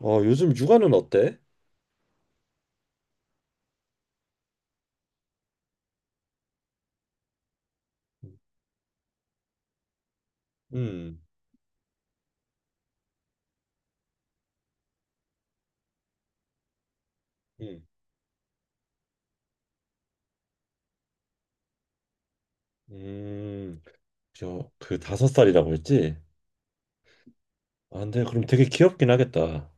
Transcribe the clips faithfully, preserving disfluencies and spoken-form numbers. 어, 요즘 육아는 어때? 음, 음, 음. 저, 그 다섯 살이라고 했지? 아, 근데 그럼 되게 귀엽긴 하겠다.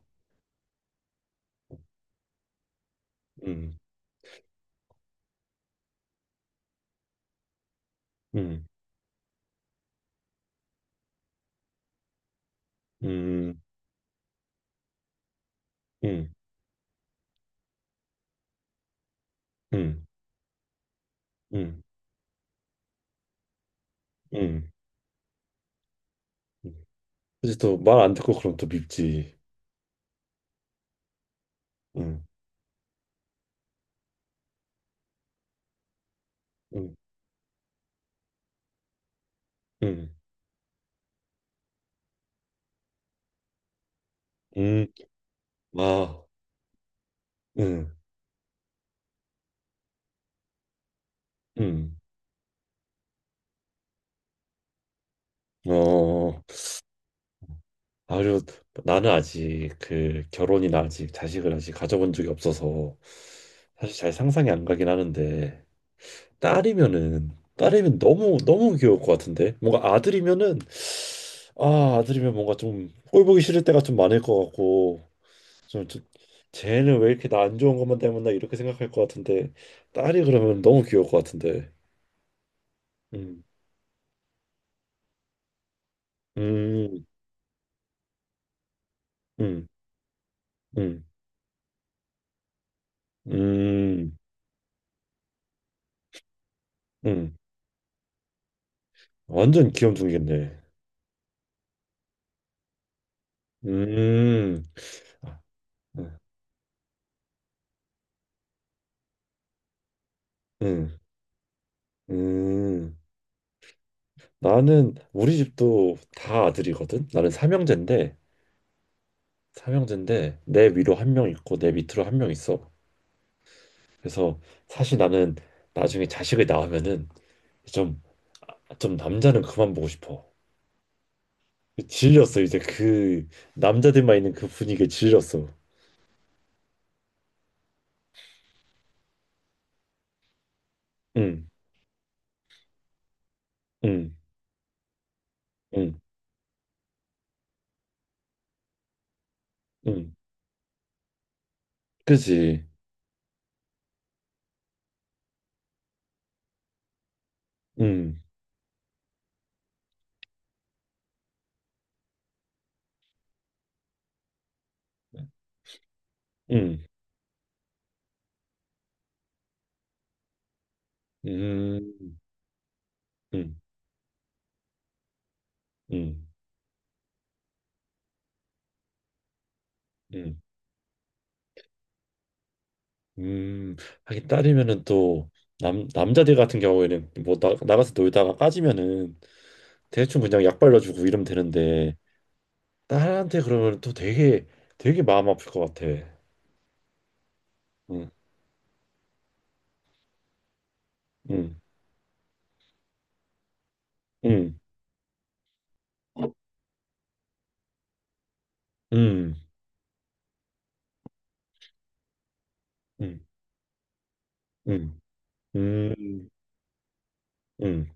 음, 음, 음, 음, 음, 음, 음. 그치, 또말 안 듣고 그럼 또 밉지. 음, 음, 음, 음, 아, 음, 음. 어, 아유, 나는 아직 그 결혼이나 아직 자식을 아직 가져본 적이 없어서 사실 잘 상상이 안 가긴 하는데. 딸이면은 딸이면 너무 너무 귀여울 것 같은데 뭔가 아들이면은, 아 아들이면 뭔가 좀 꼴보기 싫을 때가 좀 많을 것 같고, 좀, 좀 쟤는 왜 이렇게 나 안 좋은 것만 때문나 이렇게 생각할 것 같은데, 딸이 그러면 너무 귀여울 것 같은데. 음음음음음음. 완전 귀염둥이겠네. 음, 아, 음, 음. 음. 나는 우리 집도 다 아들이거든. 나는 삼형제인데, 삼형제인데 내 위로 한 명 있고 내 밑으로 한 명 있어. 그래서 사실 나는 나중에 자식을 낳으면은 좀, 좀 남자는 그만 보고 싶어. 질렸어, 이제. 그 남자들만 있는 그 분위기에 질렸어. 응, 응, 응, 응. 그지. 응, 응, 음, 응, 응, 응. 음. 하긴 딸이면은 또, 남, 남자들 같은 경우에는 뭐 나, 나가서 놀다가 까지면은 대충 그냥 약 발라주고 이러면 되는데, 딸한테 그러면 또 되게 되게 마음 아플 것 같아. 응, 응, 응, 응, 응, 응, 응, 응,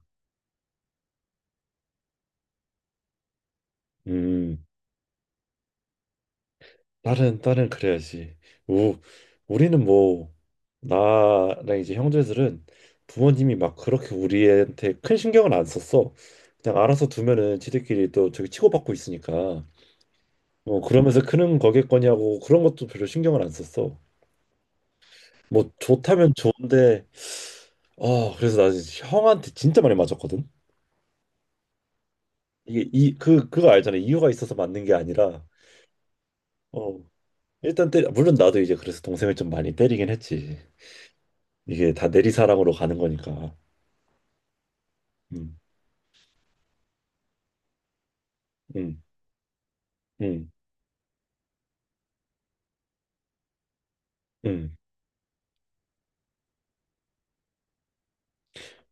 응. 딸은 딸은 그래야지. 우 우리는 뭐 나랑 이제 형제들은 부모님이 막 그렇게 우리한테 큰 신경을 안 썼어. 그냥 알아서 두면은 지들끼리 또 저기 치고받고 있으니까. 어, 그러면서 크는 거겠거냐고, 그런 것도 별로 신경을 안 썼어. 뭐 좋다면 좋은데. 어, 그래서 나 진짜 형한테 진짜 많이 맞았거든. 이게 이 그 그거 알잖아, 이유가 있어서 맞는 게 아니라. 어, 일단 때 물론 나도 이제 그래서 동생을 좀 많이 때리긴 했지. 이게 다 내리사랑으로 가는 거니까. 음음음음.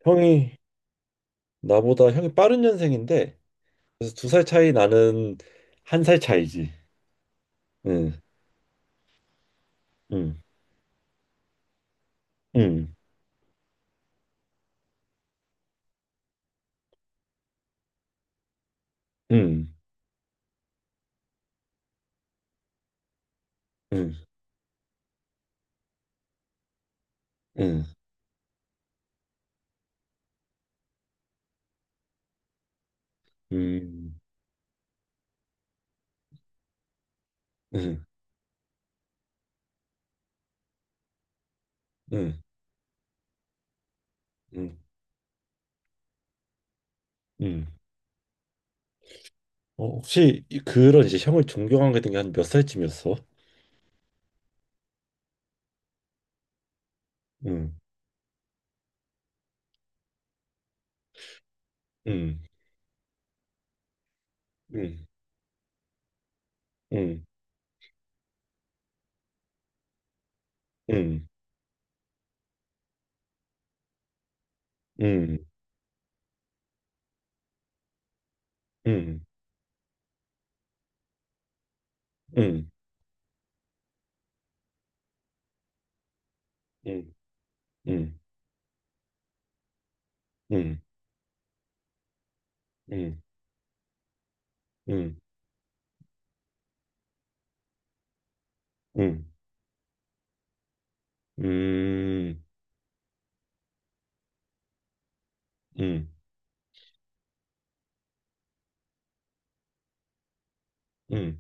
형이 나보다 형이 빠른 년생인데, 그래서 두 살 차이 나는, 한 살 차이지. 응, 응, 응, 응, 응, 응, 응, 응, 응, 응, 응. 어, 혹시 이- 그런, 이제 형을 존경하게 된 게 한 몇 살쯤이었어? 응, 응, 응, 응, 응, 응, 응, 응, 응, 응, 응, 응, 응, 응, 응, 음, 응, 응,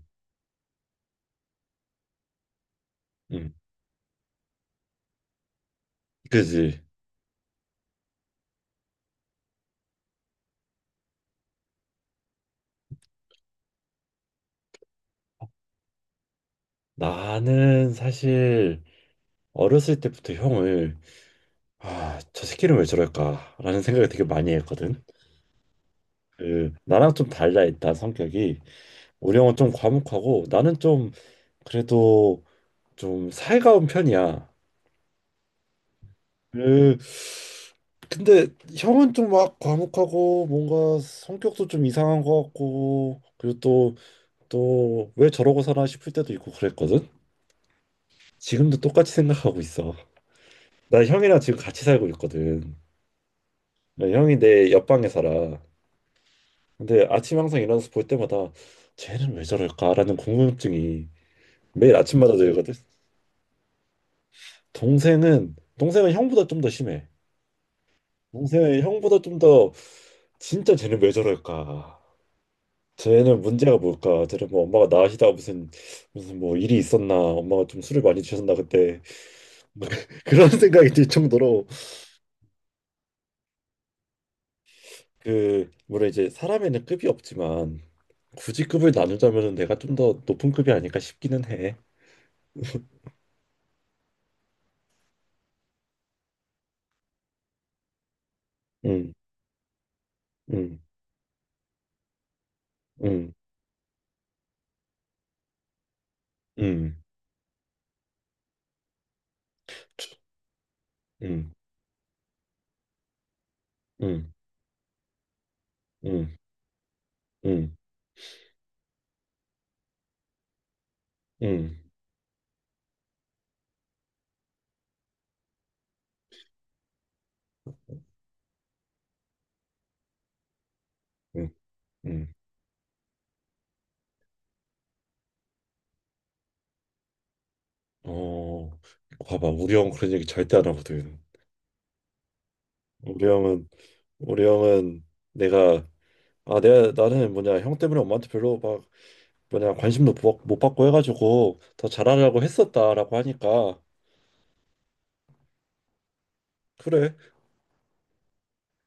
응. 그지? 나는 사실 어렸을 때부터 형을, 아, 저 새끼는 왜 저럴까라는 생각을 되게 많이 했거든. 그, 나랑 좀 달라, 일단 성격이. 우리 형은 좀 과묵하고 나는 좀, 그래도 좀 살가운 편이야. 그 근데 형은 좀 막 과묵하고 뭔가 성격도 좀 이상한 것 같고 그리고 또 또 왜 저러고 사나 싶을 때도 있고 그랬거든. 지금도 똑같이 생각하고 있어. 나 형이랑 지금 같이 살고 있거든. 나 형이 내 옆방에 살아. 근데 아침 항상 일어나서 볼 때마다 쟤는 왜 저럴까라는 궁금증이 매일 아침마다 들거든. 동생은 동생은 형보다 좀 더 심해. 동생은 형보다 좀더, 진짜 쟤는 왜 저럴까? 쟤는 문제가 뭘까? 쟤는 뭐 엄마가 나으시다 무슨 무슨 뭐 일이 있었나? 엄마가 좀 술을 많이 드셨나 그때. 그런 생각이 들 정도로. 그 물론 이제 사람에는 급이 없지만 굳이 급을 나누자면은 내가 좀 더 높은 급이 아닐까 싶기는 해. 응, 응, 응, 음, 음, 음, 음, 음, 음, 음, 음. 어, 봐봐, 우리 형 그런 얘기 절대 안 하거든. 우리 형은 우리 형은 내가 아, 내가, 나는 뭐냐 형 때문에 엄마한테 별로 막 뭐냐 관심도 부- 못 받고 해가지고 더 잘하려고 했었다라고 하니까, 그래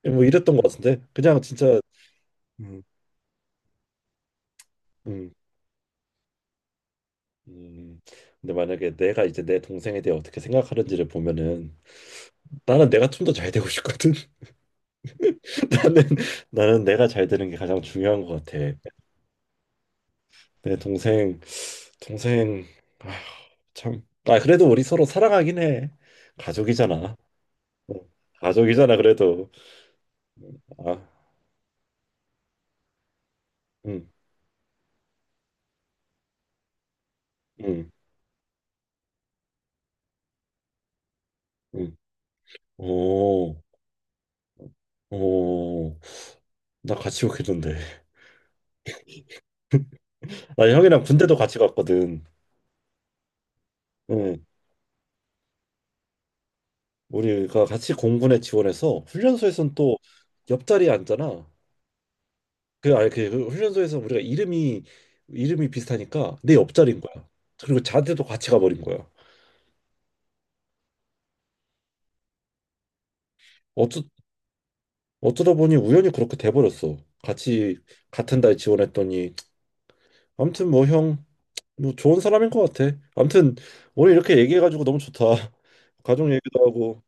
뭐 이랬던 것 같은데, 그냥 진짜. 음, 음, 음. 근데 만약에 내가 이제 내 동생에 대해 어떻게 생각하는지를 보면은, 나는 내가 좀 더 잘 되고 싶거든. 나는 나는 내가 잘 되는 게 가장 중요한 것 같아. 내 동생, 동생 아, 참, 아, 그래도 우리 서로 사랑하긴 해. 가족이잖아. 어, 가족이잖아 그래도. 아. 음, 응, 응. 오, 오. 나 같이 욕했는데. 나 형이랑 군대도 같이 갔거든. 응. 우리가 같이 공군에 지원해서 훈련소에선 또 옆자리에 앉잖아. 그, 아니, 그 훈련소에서 우리가 이름이 이름이 비슷하니까 내 옆자리인 거야. 그리고 자대도 같이 가버린 거야. 어쩌 어쩌다 보니 우연히 그렇게 돼버렸어. 같이 같은 달 지원했더니, 아무튼 뭐 형, 뭐 좋은 사람인 것 같아. 아무튼 오늘 이렇게 얘기해가지고 너무 좋다. 가족 얘기도 하고.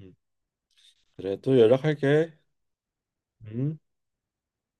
음. 그래, 또 연락할게. 응?